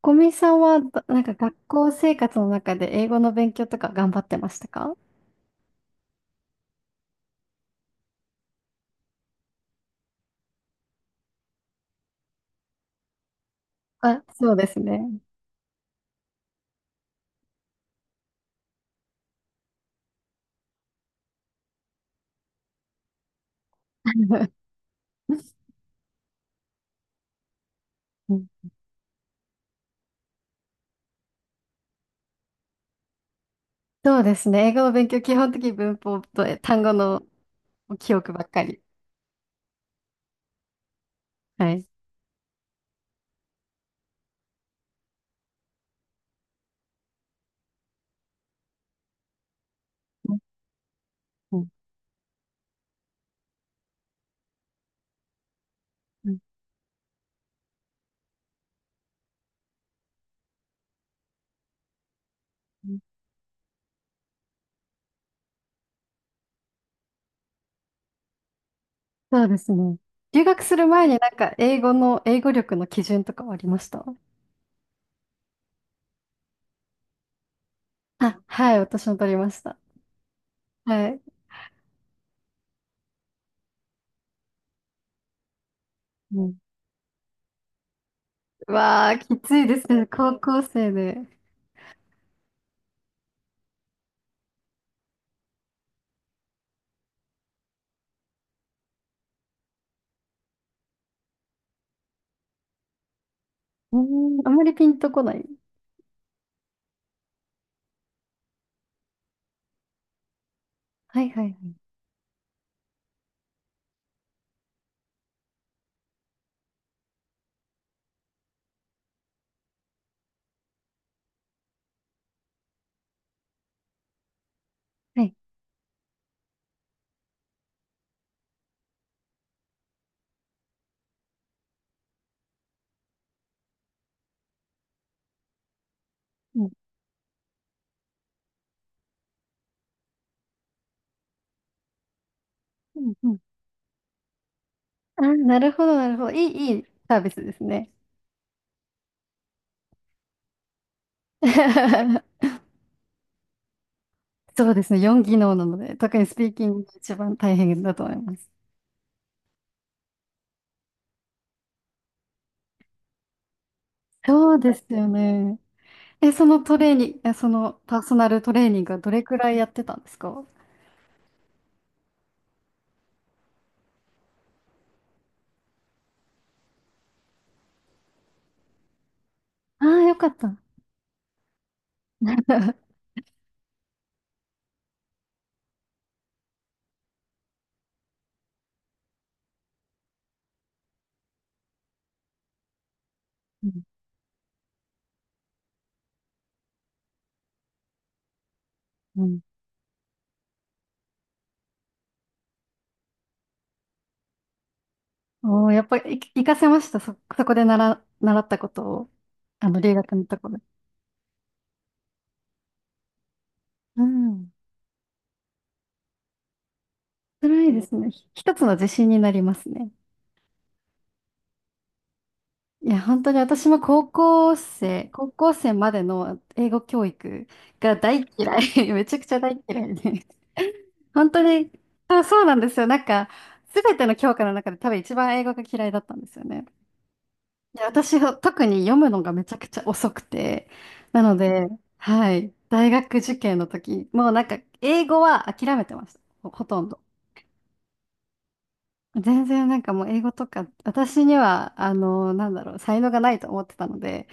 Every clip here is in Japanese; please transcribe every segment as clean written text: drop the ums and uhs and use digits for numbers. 小見さんはなんか学校生活の中で英語の勉強とか頑張ってましたか？あ、そうですね。うんそうですね。英語の勉強、基本的に文法と単語の記憶ばっかり。はい。うんうんうんうんそうですね。留学する前になんか英語力の基準とかはありました？あ、はい、私も取りました。はい。うん。うわあ、きついですね。高校生で。うーん、あんまりピンとこない。はいはいはい。はい。うんうん。あ、なるほど、なるほど。いいサービスですね。そうですね。4技能なので、特にスピーキングが一番大変だと思います。そうですよね。え、そのトレーニング、えそのパーソナルトレーニングはどれくらいやってたんですか？ああー、よかった。うん。うん。おー、やっぱり、活かせました。そこで習ったことを、留学のところで。うん。辛いですね。一つの自信になりますね。いや、本当に私も高校生までの英語教育が大嫌い。めちゃくちゃ大嫌いで。本当に、あ、そうなんですよ。なんか、すべての教科の中で多分一番英語が嫌いだったんですよね。いや私は特に読むのがめちゃくちゃ遅くて、なので、はい、大学受験の時、もうなんか、英語は諦めてました。ほとんど。全然なんかもう英語とか、私には、なんだろう、才能がないと思ってたので、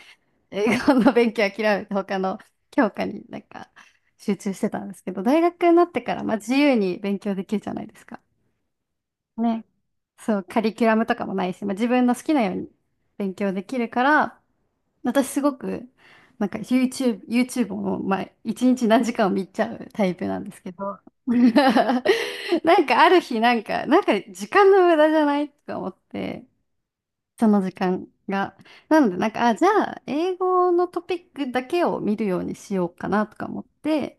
英語の勉強諦めて他の教科になんか集中してたんですけど、大学になってから、まあ、自由に勉強できるじゃないですか。ね。そう、カリキュラムとかもないし、まあ、自分の好きなように勉強できるから、私すごく、なんか YouTube を、まあ、一日何時間も見ちゃうタイプなんですけど、なんかある日、なんか時間の無駄じゃないとか思って、その時間が。なので、なんか、あ、じゃあ、英語のトピックだけを見るようにしようかなとか思って、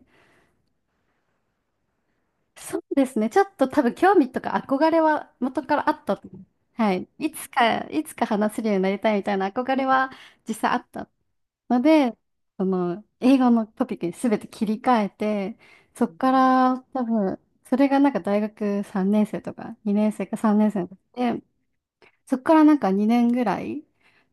そうですね、ちょっと多分興味とか憧れは元からあったと思う。はい。いつか話せるようになりたいみたいな憧れは実際あったので、英語のトピックに全て切り替えて、そっから多分、それがなんか大学3年生とか2年生か3年生の時でそこからなんか2年ぐらい、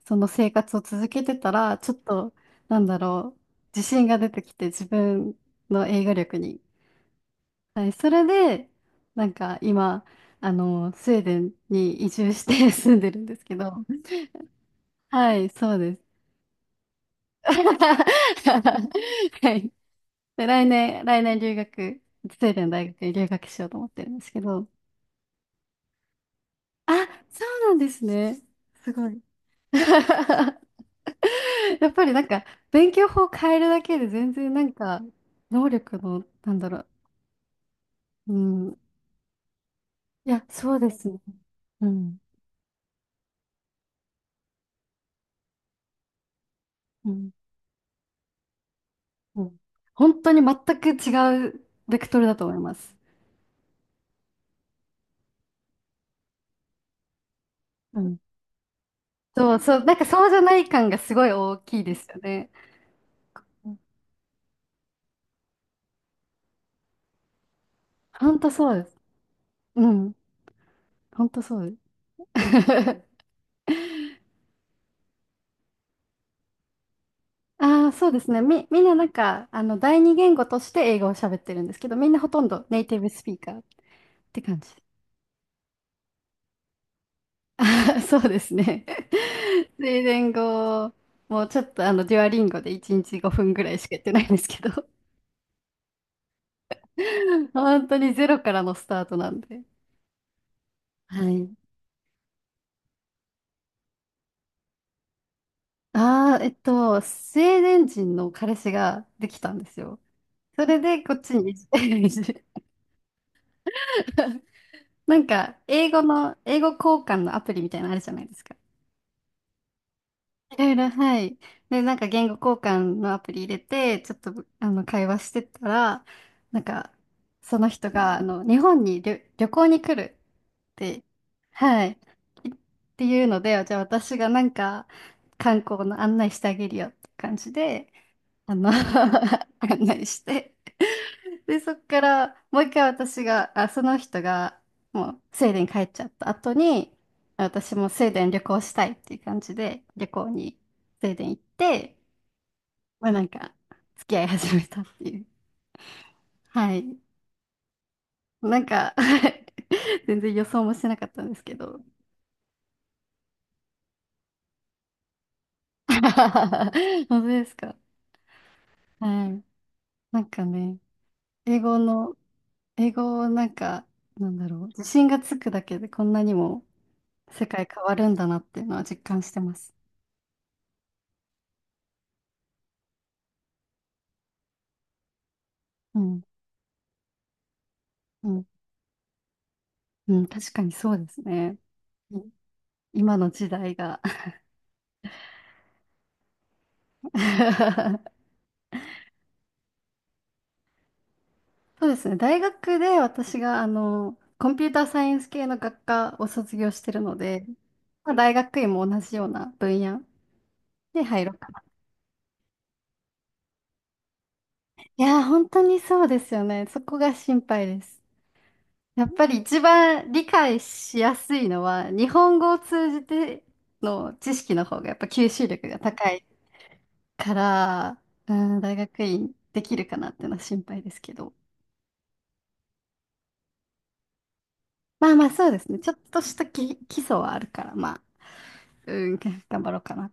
その生活を続けてたら、ちょっと、なんだろう、自信が出てきて、自分の英語力に。はい、それで、なんか今、スウェーデンに移住して 住んでるんですけど、はい、そうです。はい。で、来年スウェーデン大学に留学しようと思ってるんですけど、あ、そうなんですね。すごい。やっぱりなんか、勉強法を変えるだけで全然なんか、能力の、なんだろう。うん。いや、そうですね。うん。うん。うん。本当に全く違うベクトルだと思います。うん。そうそう。なんかそうじゃない感がすごい大きいですよね。本当そうです。うん。本当そうです。ああ、そうですね。みんななんか、第二言語として英語を喋ってるんですけど、みんなほとんどネイティブスピーカーって感じ。そうですね。スイデン語もちょっとデュアリンゴで1日5分ぐらいしかやってないんですけど 本当にゼロからのスタートなんで。はい。ああ、スウェーデン人の彼氏ができたんですよ。それでこっちに移住。 なんか、英語交換のアプリみたいなのあるじゃないですか。いろいろ、はい。で、なんか言語交換のアプリ入れて、ちょっと、会話してたら、なんか、その人が、日本に旅行に来るって、はい。いっていうので、じゃあ私がなんか、観光の案内してあげるよって感じで、案内して、で、そっから、もう一回私が、あ、その人が、もう、スウェーデン帰っちゃった後に、私もスウェーデン旅行したいっていう感じで、旅行にスウェーデン行って、まあなんか、付き合い始めたっていう。はい。なんか 全然予想もしてなかったんですけど。本当ですか？はい。なんかね、英語の、英語をなんか、なんだろう、自信がつくだけでこんなにも世界変わるんだなっていうのは実感してます。うん。うんうん、確かにそうですね。うん。今の時代が そうですね。大学で私が、コンピューターサイエンス系の学科を卒業してるので、まあ、大学院も同じような分野で入ろうかな。いやー、本当にそうですよね。そこが心配です。やっぱり一番理解しやすいのは、日本語を通じての知識の方がやっぱ吸収力が高いから、うん、大学院できるかなっていうのは心配ですけど。まあまあそうですね。ちょっとした基礎はあるから、まあ、うん、頑張ろうかな。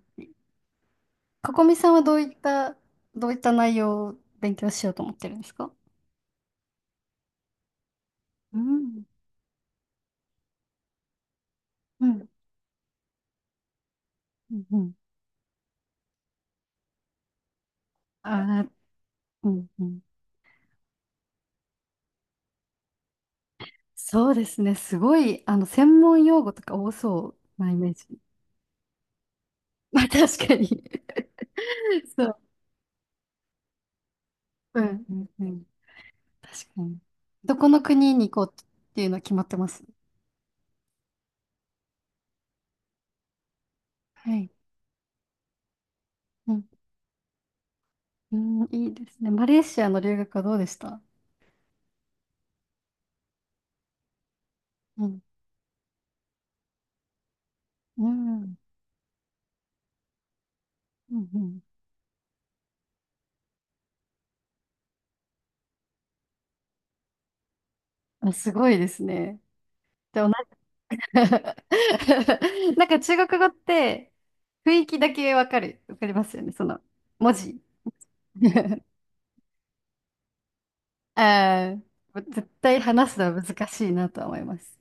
ここみさんはどういった内容を勉強しようと思ってるんですか？うん。うん。うんうん。あー、うんうん。そうですね。すごい、専門用語とか多そうなイメージ。まあ、確かに。 そう。うん、うん、うん。確かに。どこの国に行こうっていうのは決まってます？はい。うん、うん、いいですね。マレーシアの留学はどうでした？うん。うん。うんうん。あ、すごいですね。でもなんか なんか中国語って雰囲気だけわかる。わかりますよね。その文字。あー、絶対話すのは難しいなとは思います。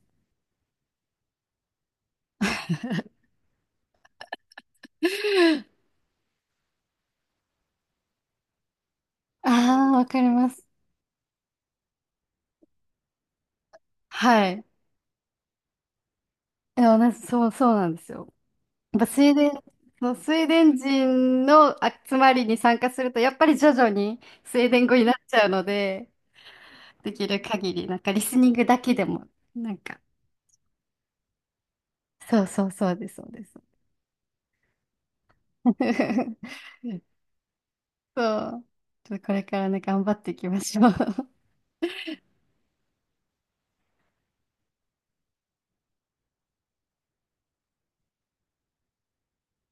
ああ、わかります。はい。でもなそう、そうなんですよ。やっぱスウェーデン人の集まりに参加すると、やっぱり徐々にスウェーデン語になっちゃうので、できる限り、なんかリスニングだけでも、なんか、そうそうそうです、そうです。そう。ちょっとこれからね、頑張っていきましょう。